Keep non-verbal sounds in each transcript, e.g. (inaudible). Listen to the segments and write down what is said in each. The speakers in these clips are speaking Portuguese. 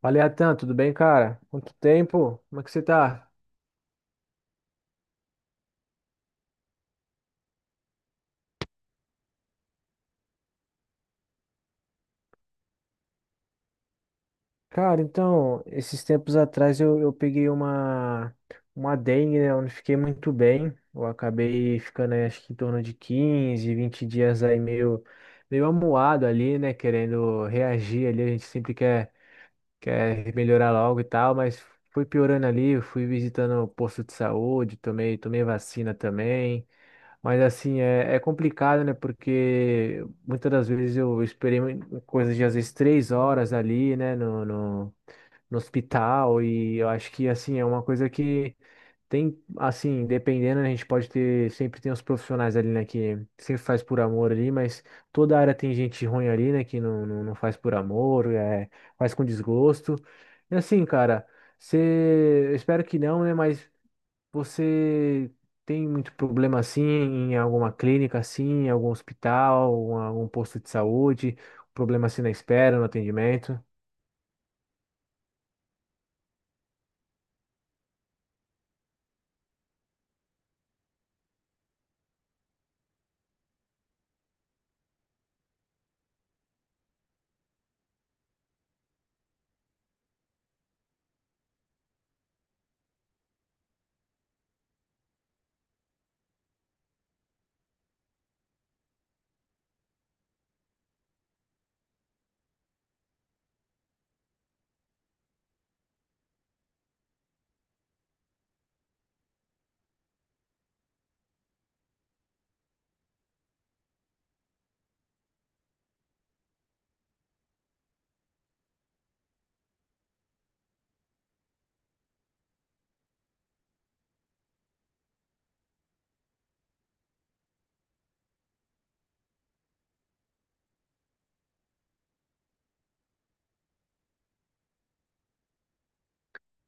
Fala, Atan, tudo bem, cara? Quanto tempo? Como é que você tá? Cara, então, esses tempos atrás eu peguei uma dengue, né? Eu não fiquei muito bem. Eu acabei ficando, aí, acho que em torno de 15, 20 dias aí meio, meio amuado ali, né? Querendo reagir ali. A gente sempre quer, quer melhorar logo e tal, mas fui piorando ali. Eu fui visitando o posto de saúde, tomei, tomei vacina também. Mas assim, é complicado, né? Porque muitas das vezes eu esperei coisas de às vezes três horas ali, né? No, no hospital. E eu acho que assim, é uma coisa que tem, assim, dependendo, né, a gente pode ter, sempre tem os profissionais ali, né? Que sempre faz por amor ali, mas toda área tem gente ruim ali, né? Que não faz por amor, é, faz com desgosto. E assim, cara, você, eu espero que não, né? Mas. Você tem muito problema assim em alguma clínica, assim, em algum hospital, algum posto de saúde, problema assim na espera, no atendimento?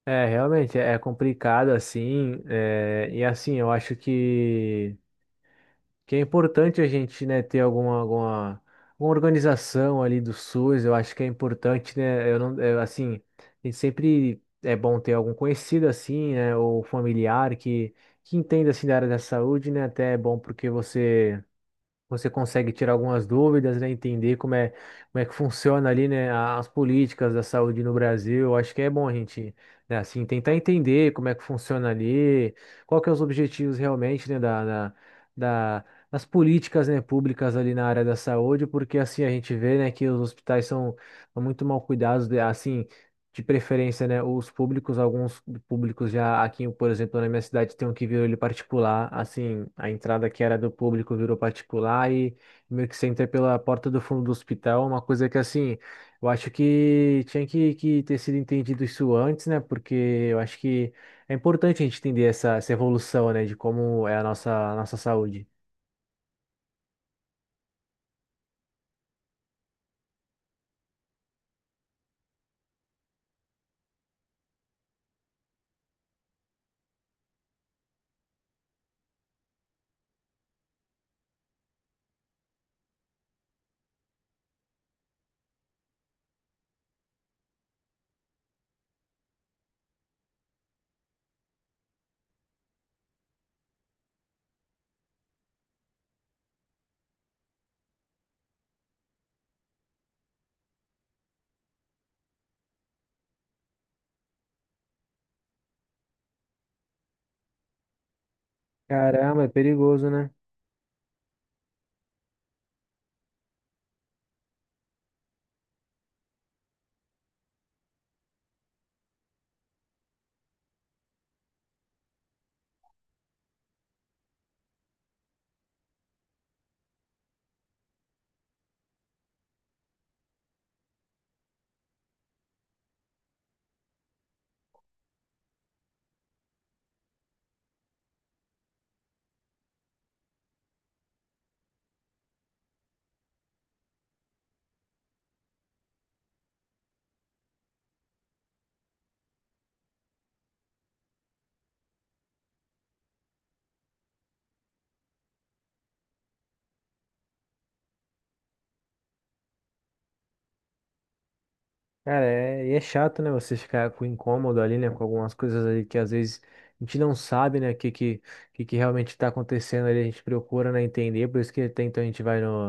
É, realmente é complicado assim, é, e assim eu acho que é importante a gente, né, ter alguma, alguma, alguma organização ali do SUS. Eu acho que é importante, né? Eu não, é, assim, a gente sempre é bom ter algum conhecido assim, né, ou familiar que entenda assim da área da saúde, né? Até é bom porque você consegue tirar algumas dúvidas, né? Entender como é que funciona ali, né? As políticas da saúde no Brasil. Eu acho que é bom a gente, né, assim, tentar entender como é que funciona ali, qual que é os objetivos realmente, né? Das políticas, né? Públicas ali na área da saúde, porque assim a gente vê, né? Que os hospitais são, são muito mal cuidados, né, assim. De preferência, né? Os públicos, alguns públicos já aqui, por exemplo, na minha cidade tem um que virou ele particular. Assim, a entrada que era do público virou particular e meio que você entra pela porta do fundo do hospital. Uma coisa que, assim, eu acho que tinha que ter sido entendido isso antes, né? Porque eu acho que é importante a gente entender essa, essa evolução, né? De como é a nossa saúde. Caramba, é perigoso, né? Cara, é, e é chato, né? Você ficar com incômodo ali, né? Com algumas coisas ali que às vezes a gente não sabe, né? O que realmente está acontecendo ali. A gente procura, né, entender. Por isso que até então a gente vai no,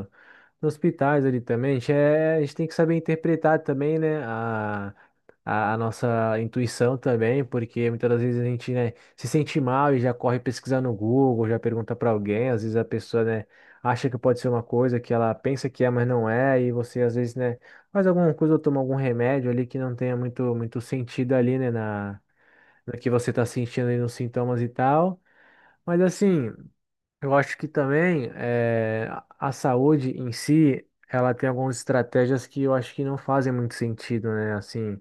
nos hospitais ali também. A gente, é, a gente tem que saber interpretar também, né? A nossa intuição também, porque muitas das vezes a gente, né, se sente mal e já corre pesquisar no Google, já pergunta para alguém, às vezes a pessoa, né, acha que pode ser uma coisa que ela pensa que é, mas não é, e você às vezes, né, faz alguma coisa ou toma algum remédio ali que não tenha muito, muito sentido ali, né, na, no que você está sentindo ali nos sintomas e tal. Mas assim, eu acho que também a saúde em si, ela tem algumas estratégias que eu acho que não fazem muito sentido, né? Assim,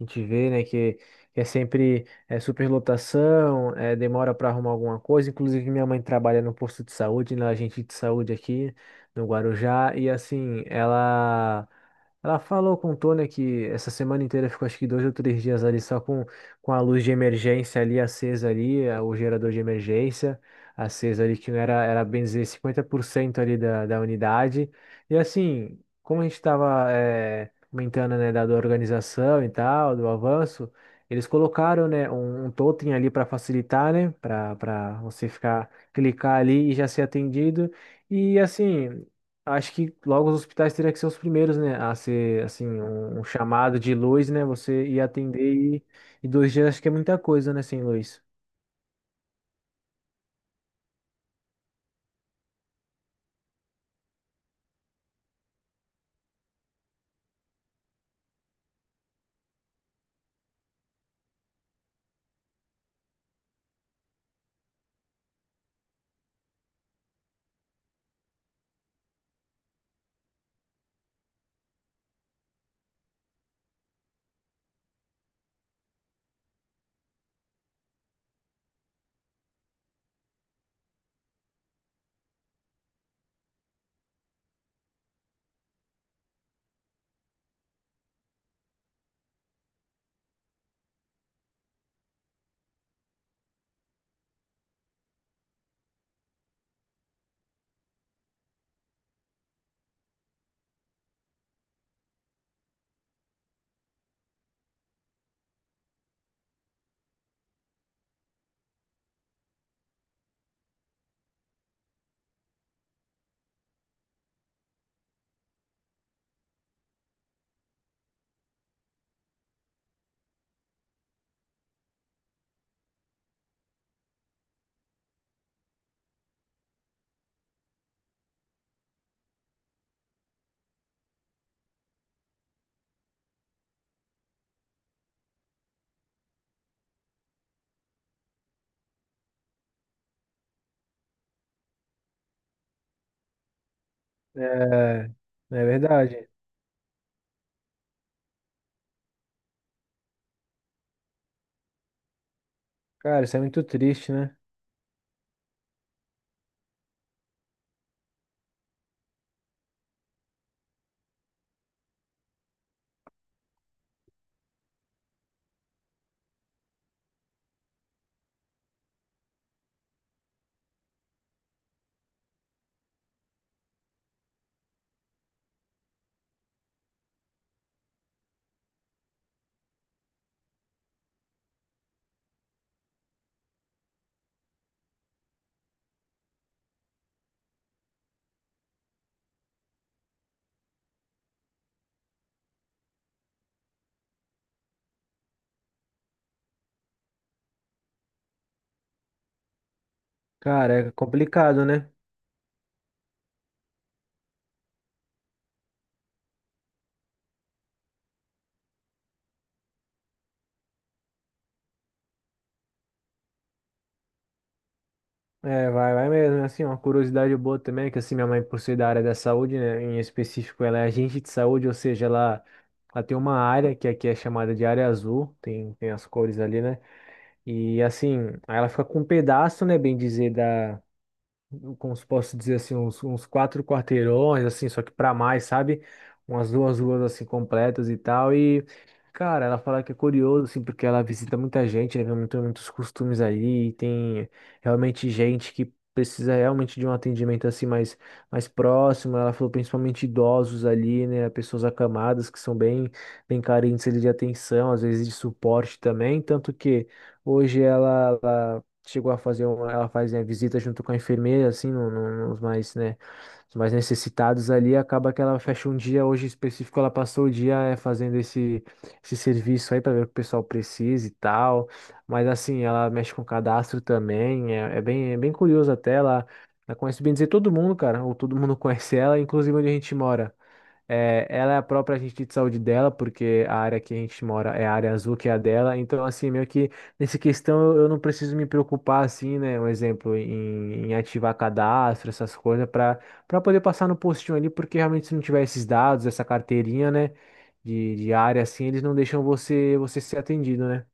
a gente vê, né, que é sempre é, superlotação, demora para arrumar alguma coisa. Inclusive, minha mãe trabalha no posto de saúde, na agente de saúde aqui no Guarujá, e assim, ela. Ela falou, contou, né, que essa semana inteira ficou acho que dois ou três dias ali só com a luz de emergência ali acesa ali, o gerador de emergência acesa ali, que não era, era bem dizer 50% ali da, da unidade. E assim, como a gente estava comentando, né, da, da organização e tal, do avanço, eles colocaram, né, um totem ali para facilitar, né, para você ficar, clicar ali e já ser atendido. E assim, acho que logo os hospitais teriam que ser os primeiros, né, a ser, assim, um chamado de luz, né, você ir atender e dois dias acho que é muita coisa, né, sem luz. É, é verdade. Cara, isso é muito triste, né? Cara, é complicado, né? É, vai, vai mesmo. É assim, uma curiosidade boa também, é que assim, minha mãe, por ser da área da saúde, né? Em específico, ela é agente de saúde, ou seja, ela tem uma área que aqui é chamada de área azul, tem, tem as cores ali, né? E assim, aí ela fica com um pedaço, né, bem dizer, da. Como se posso dizer assim, uns, uns quatro quarteirões, assim, só que pra mais, sabe? Umas duas ruas assim completas e tal. E, cara, ela fala que é curioso, assim, porque ela visita muita gente, né? Vê muito, muitos costumes aí, e tem realmente gente que precisa realmente de um atendimento assim mais, mais próximo. Ela falou principalmente idosos ali, né? Pessoas acamadas que são bem, bem carentes ali de atenção, às vezes de suporte também, tanto que. Hoje ela, chegou a fazer uma, ela faz, né, visita junto com a enfermeira, assim, nos mais, né, os mais necessitados ali, acaba que ela fecha um dia, hoje em específico, ela passou o dia fazendo esse, esse serviço aí para ver o que o pessoal precisa e tal, mas assim, ela mexe com cadastro também, é, é bem curioso até, ela conhece bem dizer todo mundo, cara, ou todo mundo (laughs) conhece ela, inclusive onde a gente mora. É, ela é a própria agente de saúde dela, porque a área que a gente mora é a área azul, que é a dela. Então, assim, meio que nessa questão eu não preciso me preocupar, assim, né? Um exemplo, em, em ativar cadastro, essas coisas, para poder passar no postinho ali, porque realmente se não tiver esses dados, essa carteirinha, né, de área, assim, eles não deixam você, você ser atendido, né?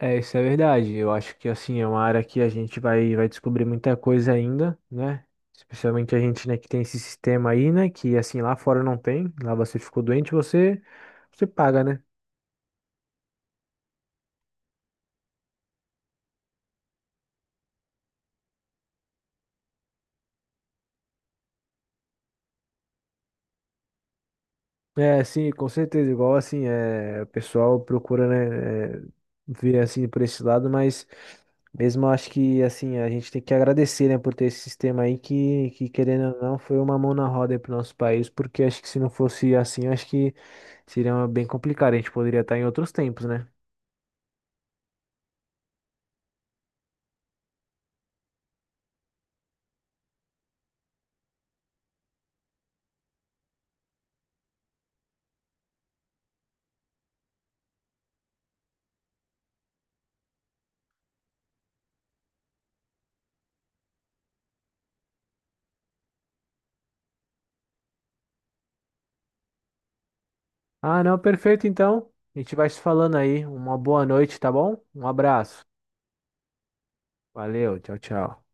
É, isso é verdade. Eu acho que assim é uma área que a gente vai, vai descobrir muita coisa ainda, né? Especialmente a gente, né, que tem esse sistema aí, né? Que assim lá fora não tem. Lá você ficou doente, você paga, né? É, sim, com certeza. Igual assim, é, o pessoal procura, né, é, ver assim por esse lado, mas mesmo eu acho que assim, a gente tem que agradecer, né, por ter esse sistema aí que querendo ou não, foi uma mão na roda aí pro nosso país, porque acho que se não fosse assim, acho que seria bem complicado. A gente poderia estar em outros tempos, né? Ah, não, perfeito, então. A gente vai se falando aí. Uma boa noite, tá bom? Um abraço. Valeu, tchau, tchau.